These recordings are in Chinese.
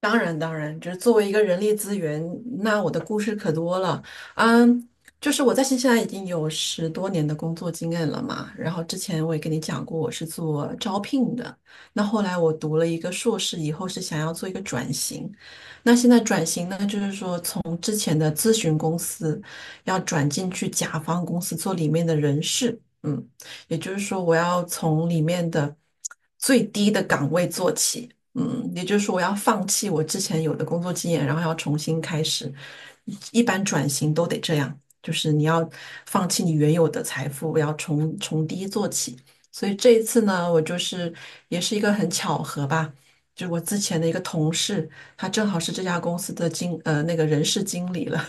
当然，当然，就是作为一个人力资源，那我的故事可多了。嗯，就是我在新西兰已经有十多年的工作经验了嘛。然后之前我也跟你讲过，我是做招聘的。那后来我读了一个硕士以后，是想要做一个转型。那现在转型呢，就是说从之前的咨询公司要转进去甲方公司做里面的人事，也就是说我要从里面的最低的岗位做起，也就是说我要放弃我之前有的工作经验，然后要重新开始。一般转型都得这样，就是你要放弃你原有的财富，要从低做起。所以这一次呢，我就是也是一个很巧合吧，就是我之前的一个同事。他正好是这家公司的那个人事经理了，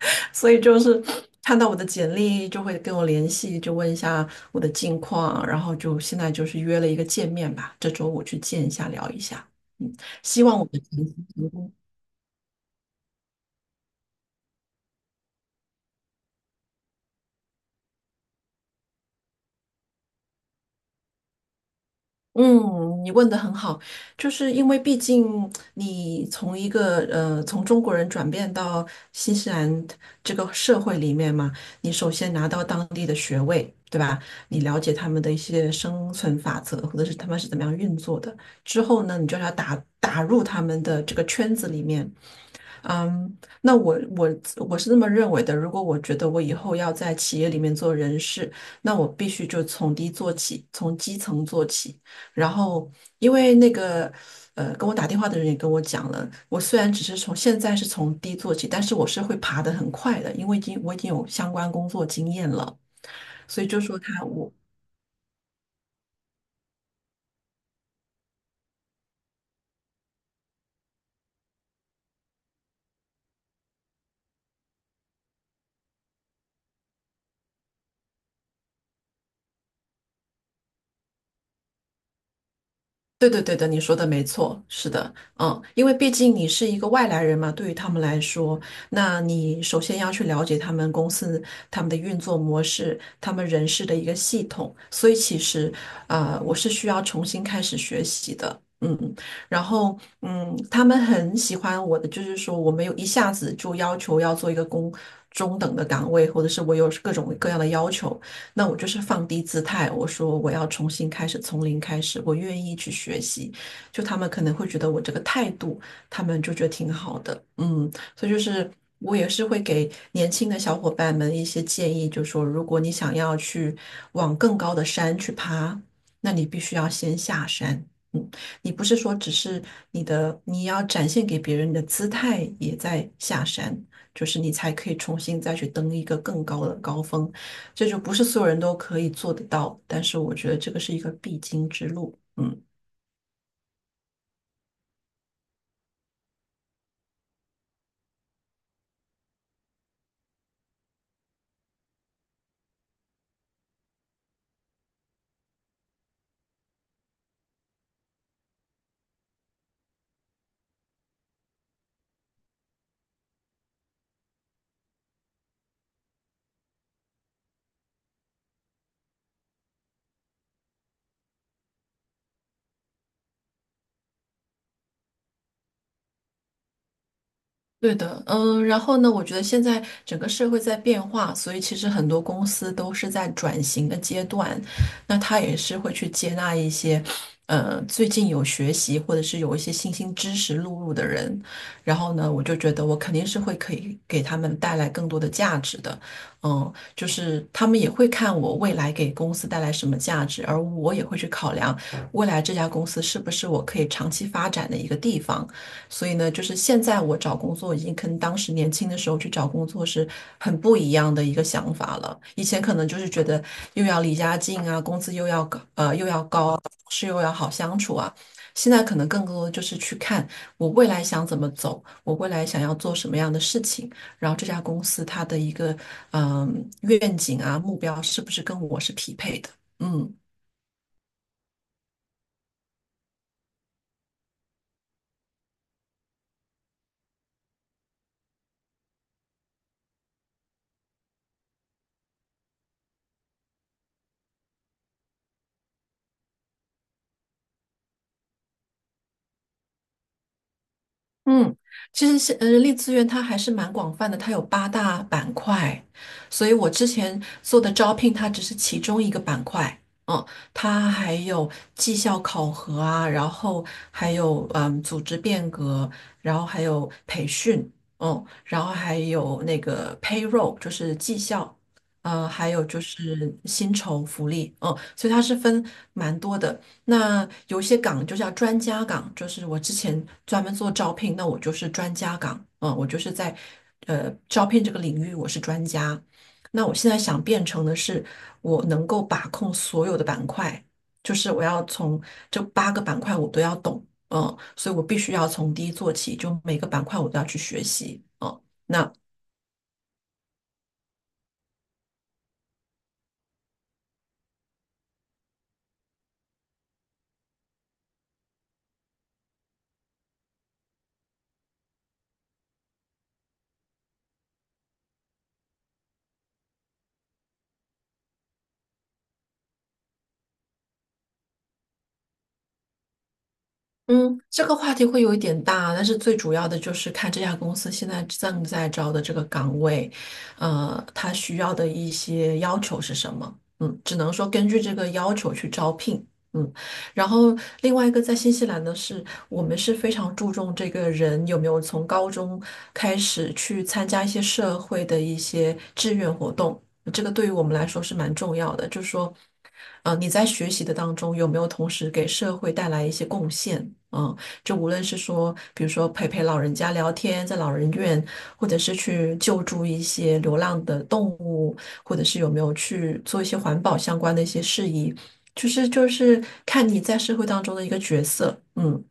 所以就是看到我的简历就会跟我联系，就问一下我的近况，然后就现在就是约了一个见面吧，这周五去见一下聊一下，嗯，希望我的成功。嗯，你问的很好，就是因为毕竟你从一个从中国人转变到新西兰这个社会里面嘛，你首先拿到当地的学位，对吧？你了解他们的一些生存法则，或者是他们是怎么样运作的，之后呢，你就要打入他们的这个圈子里面，嗯，那我是这么认为的。如果我觉得我以后要在企业里面做人事，那我必须就从低做起，从基层做起。然后，因为那个跟我打电话的人也跟我讲了，我虽然只是从现在是从低做起，但是我是会爬得很快的，因为已经有相关工作经验了。所以就说对对对的，你说的没错，是的，因为毕竟你是一个外来人嘛，对于他们来说，那你首先要去了解他们公司、他们的运作模式、他们人事的一个系统，所以其实，我是需要重新开始学习的，然后，他们很喜欢我的，就是说我没有一下子就要求要做一个中等的岗位，或者是我有各种各样的要求，那我就是放低姿态，我说我要重新开始，从零开始，我愿意去学习。就他们可能会觉得我这个态度，他们就觉得挺好的，所以就是我也是会给年轻的小伙伴们一些建议，就说如果你想要去往更高的山去爬，那你必须要先下山。嗯，你不是说只是你的，你要展现给别人的姿态也在下山，就是你才可以重新再去登一个更高的高峰，这就不是所有人都可以做得到，但是我觉得这个是一个必经之路。嗯。对的，然后呢，我觉得现在整个社会在变化，所以其实很多公司都是在转型的阶段，那他也是会去接纳一些，最近有学习或者是有一些新兴知识录入的人，然后呢，我就觉得我肯定是会可以给他们带来更多的价值的，就是他们也会看我未来给公司带来什么价值，而我也会去考量未来这家公司是不是我可以长期发展的一个地方。所以呢，就是现在我找工作已经跟当时年轻的时候去找工作是很不一样的一个想法了。以前可能就是觉得又要离家近啊，工资又要高，又要高啊，同事又要好相处啊。现在可能更多就是去看我未来想怎么走，我未来想要做什么样的事情，然后这家公司它的一个愿景啊目标是不是跟我是匹配的？嗯。嗯，其实是人力资源它还是蛮广泛的，它有八大板块，所以我之前做的招聘它只是其中一个板块，嗯，它还有绩效考核啊，然后还有组织变革，然后还有培训，然后还有那个 payroll 就是绩效，还有就是薪酬福利，所以它是分蛮多的。那有一些岗就叫专家岗，就是我之前专门做招聘，那我就是专家岗，我就是在招聘这个领域我是专家。那我现在想变成的是，我能够把控所有的板块，就是我要从这八个板块我都要懂，所以我必须要从低做起，就每个板块我都要去学习，嗯。那嗯，这个话题会有一点大，但是最主要的就是看这家公司现在正在招的这个岗位，它需要的一些要求是什么。嗯，只能说根据这个要求去招聘。嗯。然后另外一个在新西兰呢，是我们是非常注重这个人有没有从高中开始去参加一些社会的一些志愿活动，这个对于我们来说是蛮重要的。就是说，你在学习的当中有没有同时给社会带来一些贡献？嗯，就无论是说，比如说陪老人家聊天，在老人院，或者是去救助一些流浪的动物，或者是有没有去做一些环保相关的一些事宜。就是看你在社会当中的一个角色，嗯。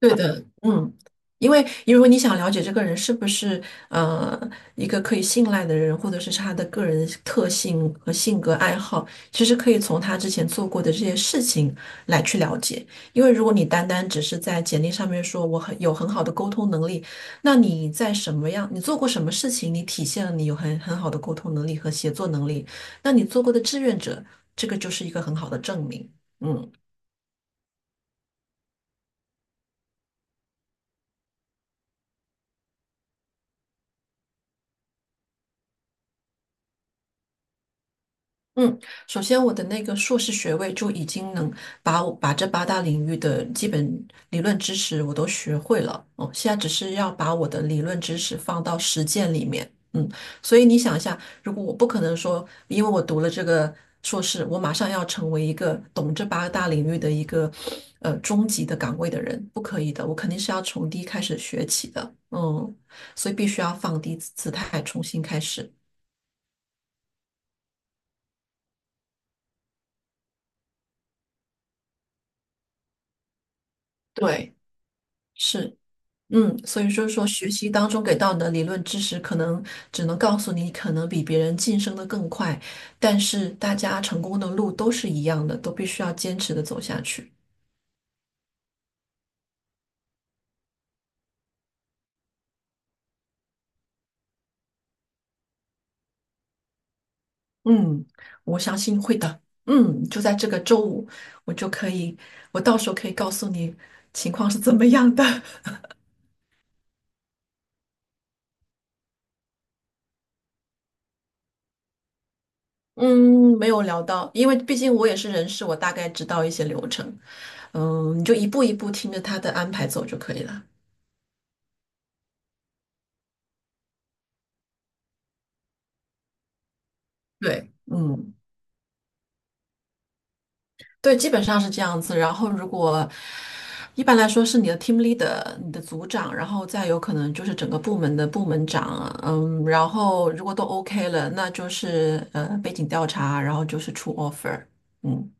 对的，因为如果你想了解这个人是不是呃一个可以信赖的人，或者是他的个人特性和性格爱好，其实可以从他之前做过的这些事情来去了解。因为如果你单单只是在简历上面说我很有很好的沟通能力，那你在什么样，你做过什么事情，你体现了你有很好的沟通能力和协作能力，那你做过的志愿者，这个就是一个很好的证明。嗯。嗯，首先我的那个硕士学位就已经能把这八大领域的基本理论知识我都学会了，哦，现在只是要把我的理论知识放到实践里面，所以你想一下，如果我不可能说，因为我读了这个硕士，我马上要成为一个懂这八大领域的一个中级的岗位的人，不可以的，我肯定是要从低开始学起的，嗯，所以必须要放低姿态，重新开始，对，是。所以就是说，学习当中给到你的理论知识，可能只能告诉你，可能比别人晋升的更快，但是大家成功的路都是一样的，都必须要坚持的走下去。嗯，我相信会的。就在这个周五，我就可以，我到时候可以告诉你情况是怎么样的。嗯，没有聊到，因为毕竟我也是人事，我大概知道一些流程。嗯，你就一步一步听着他的安排走就可以了。对，嗯。对，基本上是这样子。然后，如果一般来说是你的 team leader、你的组长，然后再有可能就是整个部门的部门长，然后如果都 OK 了，那就是背景调查，然后就是出 offer，嗯。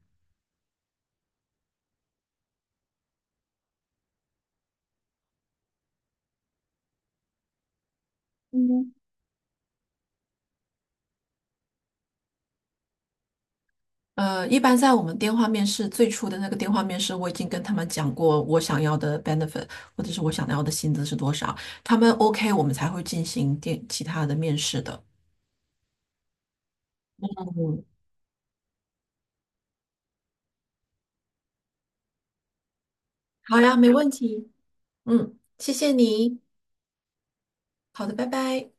嗯一般在我们电话面试最初的那个电话面试，我已经跟他们讲过我想要的 benefit 或者是我想要的薪资是多少，他们 OK，我们才会进行其他的面试的。嗯，好呀，没问题。嗯，谢谢你。好的，拜拜。